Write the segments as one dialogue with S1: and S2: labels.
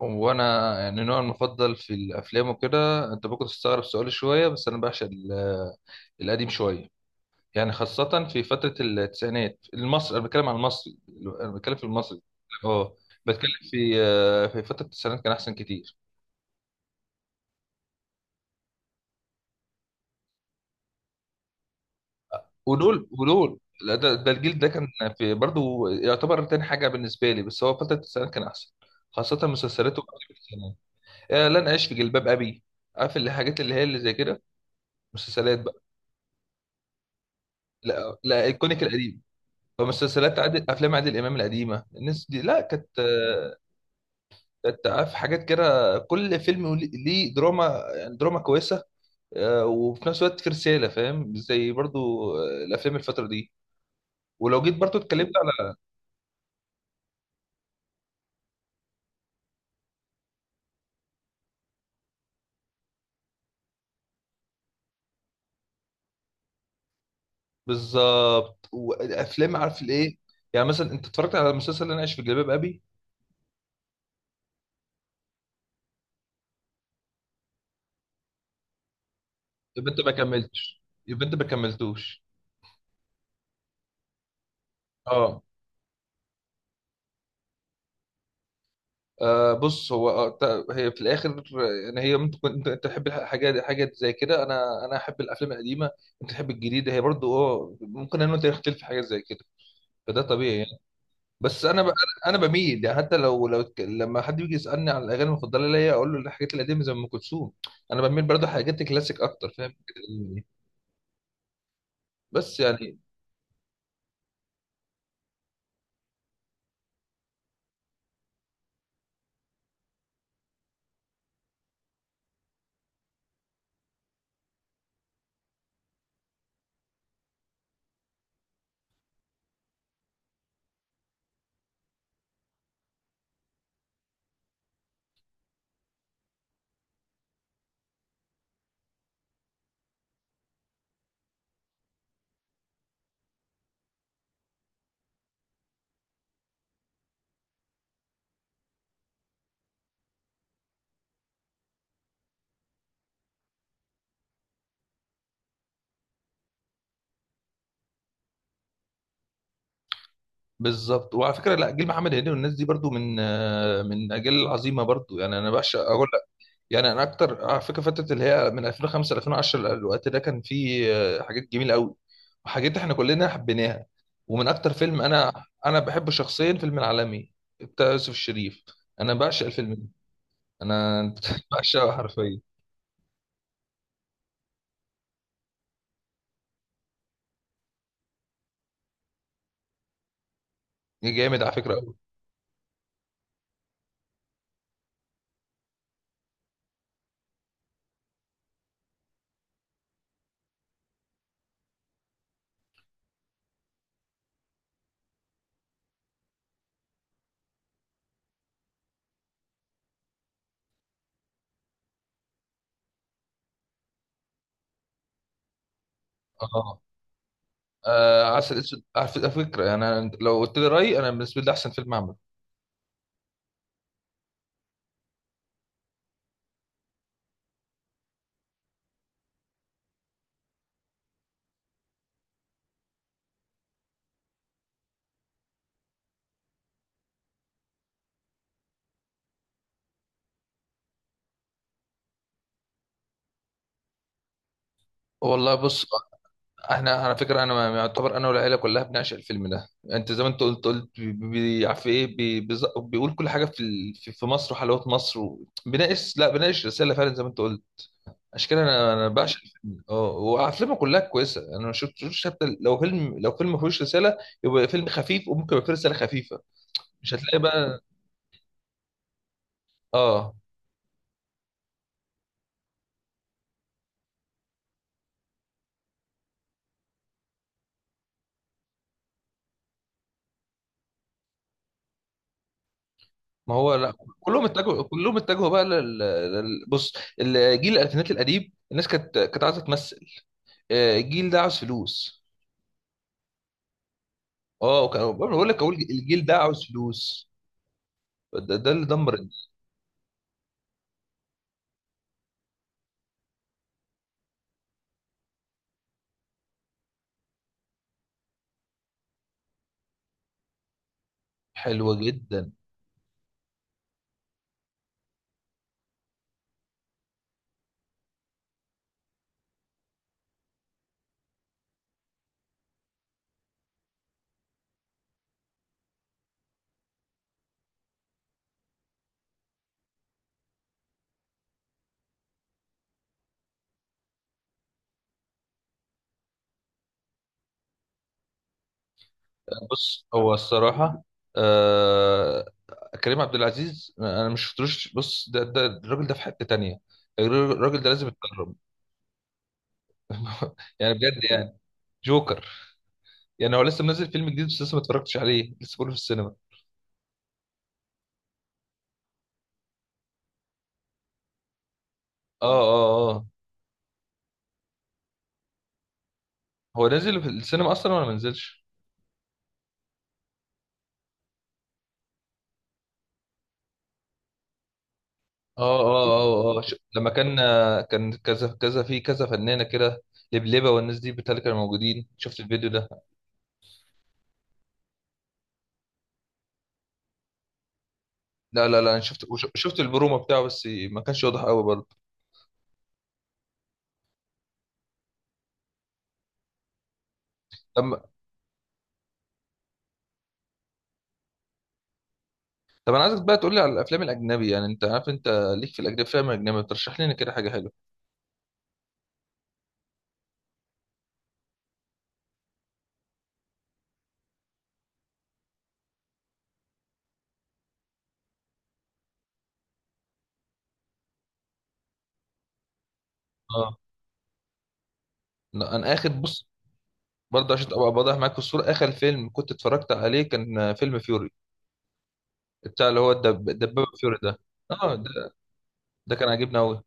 S1: وانا يعني نوعي المفضل في الافلام وكده. انت ممكن تستغرب سؤالي شويه بس انا بعشق القديم شويه. يعني خاصه في فتره التسعينات المصري، انا بتكلم عن المصري. انا بتكلم في المصري. اه، بتكلم في في فتره التسعينات كان احسن كتير. ودول لا، ده الجيل ده كان في برضه يعتبر تاني حاجه بالنسبه لي، بس هو فتره التسعينات كان احسن، خاصه مسلسلاته في التسعينات. لن اعيش في جلباب ابي، عارف الحاجات اللي هي اللي زي كده، مسلسلات بقى. لا لا ايكونيك القديم. طب مسلسلات عادل، افلام عادل امام القديمه، الناس دي لا كانت، كانت في حاجات كده. كل فيلم ليه دراما، يعني دراما كويسه. وفي نفس الوقت في رساله، فاهم؟ زي برضو الافلام الفتره دي. ولو جيت برضو اتكلمت على بالظبط وافلام، عارف الايه. يعني مثلا انت اتفرجت على المسلسل اللي انا عايش في جلباب ابي؟ يبقى انت ما كملتش، يبقى انت ما كملتوش. اه. آه، بص هو هي في الاخر يعني، هي ممكن تكون انت، أنت تحب حاجات، حاجات زي كده. انا احب الافلام القديمه، انت تحب الجديده، هي برضو اه ممكن انا وانت نختلف في حاجات زي كده، فده طبيعي يعني. بس انا ب... انا بميل يعني، حتى لما حد بيجي يسالني عن الاغاني المفضله ليا اقول له الحاجات القديمه زي ام كلثوم. انا بميل برضو حاجات الكلاسيك اكتر، فاهم؟ الحاجات القديمة دي. بس يعني بالظبط. وعلى فكره، لا، جيل محمد هنيدي والناس دي برضو من من اجيال عظيمه برضو، يعني انا بعشق اقول. يعني انا اكتر على فكره فتره اللي هي من 2005 ل 2010، الوقت ده كان فيه حاجات جميله قوي وحاجات احنا كلنا حبيناها. ومن اكتر فيلم انا بحبه شخصيا فيلم العالمي بتاع يوسف الشريف، انا بعشق الفيلم ده. انا بعشقه حرفيا، جامد على فكره قوي. اه، عسل اسود على فكره، يعني أنا لو قلت لي رايي انا بالنسبه لي ده احسن فيلم عمله. والله بص، احنا على فكره، انا يعتبر انا والعيله كلها بنعشق الفيلم ده. انت زي ما انت قلت، عارف ايه، بيقول كل حاجه في في مصر وحلاوه مصر بيناقش، لا بيناقش رساله فعلا زي ما انت قلت. عشان كده انا بعشق الفيلم. اه، وافلامه كلها كويسه، انا ما شفتوش حتى لو فيلم، لو فيلم ما فيهوش رساله يبقى فيلم خفيف وممكن يبقى فيه رساله خفيفه. مش هتلاقي بقى. اه. ما هو لا، كلهم اتجهوا بقى بص، الجيل الالفينات القديم الناس كانت، كانت عايزه تمثل. الجيل ده عاوز فلوس. اه، وكان بقول لك هو الجيل ده عاوز فلوس، ده اللي دمر الدنيا. حلوه جدا. بص هو الصراحه، آه، كريم عبد العزيز انا مش شفتلوش. بص ده الراجل ده في حته تانية، الراجل ده لازم يتكرم. يعني بجد يعني، جوكر. يعني هو لسه منزل فيلم جديد، بس لسه ما اتفرجتش عليه، لسه بقوله في السينما. اه اه اه. هو نازل في السينما اصلا ولا ما نزلش؟ اه اه اه اه، لما كان، كان كذا كذا في كذا فنانه كده، لبلبه والناس دي بتاع، اللي كانوا موجودين، شفت الفيديو ده؟ لا لا لا، انا شفت شفت البرومو بتاعه، بس ما كانش واضح قوي برضه. طب، طب انا عايزك بقى تقول لي على الافلام الاجنبي. يعني انت عارف، انت ليك في الاجنبي فيلم اجنبي ترشح لنا كده حاجه حلوه؟ اه، لا، انا اخد بص برضه عشان ابقى واضح معاك في الصوره، اخر فيلم كنت اتفرجت عليه كان فيلم فيوري بتاع اللي هو الدبابه، فيوري ده. اه، ده، ده كان عاجبني قوي.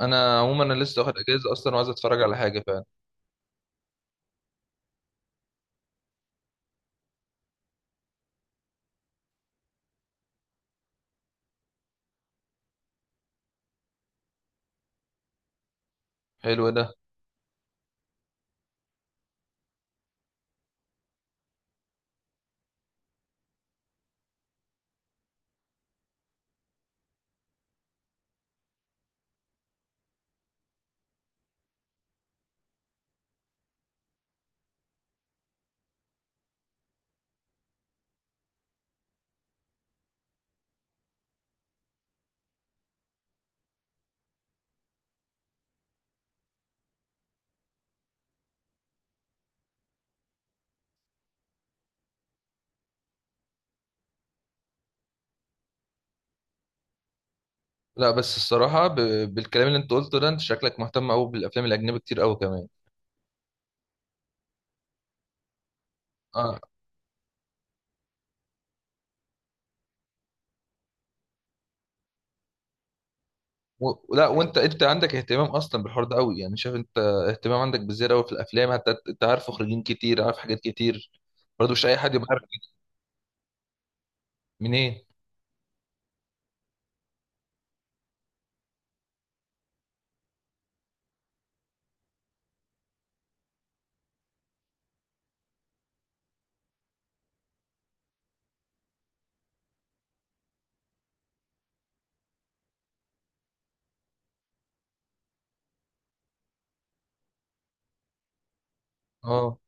S1: انا عموما انا لسه واخد اجازه اصلا وعايز اتفرج على حاجه. حلو ده. لا بس الصراحة بالكلام اللي انت قلته ده، انت شكلك مهتم قوي بالافلام الاجنبي كتير قوي كمان. اه. لا، وانت، انت عندك اهتمام اصلا بالحوار ده قوي، يعني شايف انت اهتمام عندك بالزيادة قوي في الافلام. حتى انت عارف مخرجين كتير، عارف حاجات كتير، برضه مش اي حد يبقى عارف. منين. اه.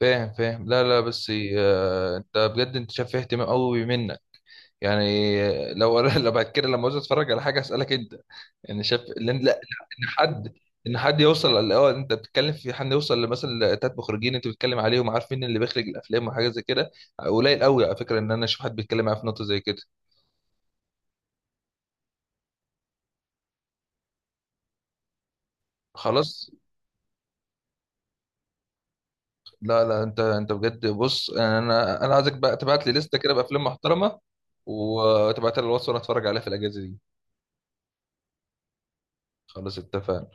S1: فاهم فاهم. لا لا بس، آه، انت بجد انت شايف فيه اهتمام قوي منك. يعني لو لو بعد كده لما عاوز اتفرج على حاجة اسالك انت. يعني شايف اللي، لا لا، ان حد، ان حد يوصل، اه انت بتتكلم في حد يوصل لمثلا 3 مخرجين انت بتتكلم عليهم، عارف مين اللي بيخرج الافلام وحاجه زي كده. قليل قوي على فكره ان انا اشوف حد بيتكلم معايا في نقطه زي كده. خلاص. لا لا، انت انت بجد بص، انا عايزك بقى تبعت لي لسته كده بافلام محترمه وتبعتها لي على الواتس وانا اتفرج عليها في الاجازه دي. خلاص اتفقنا.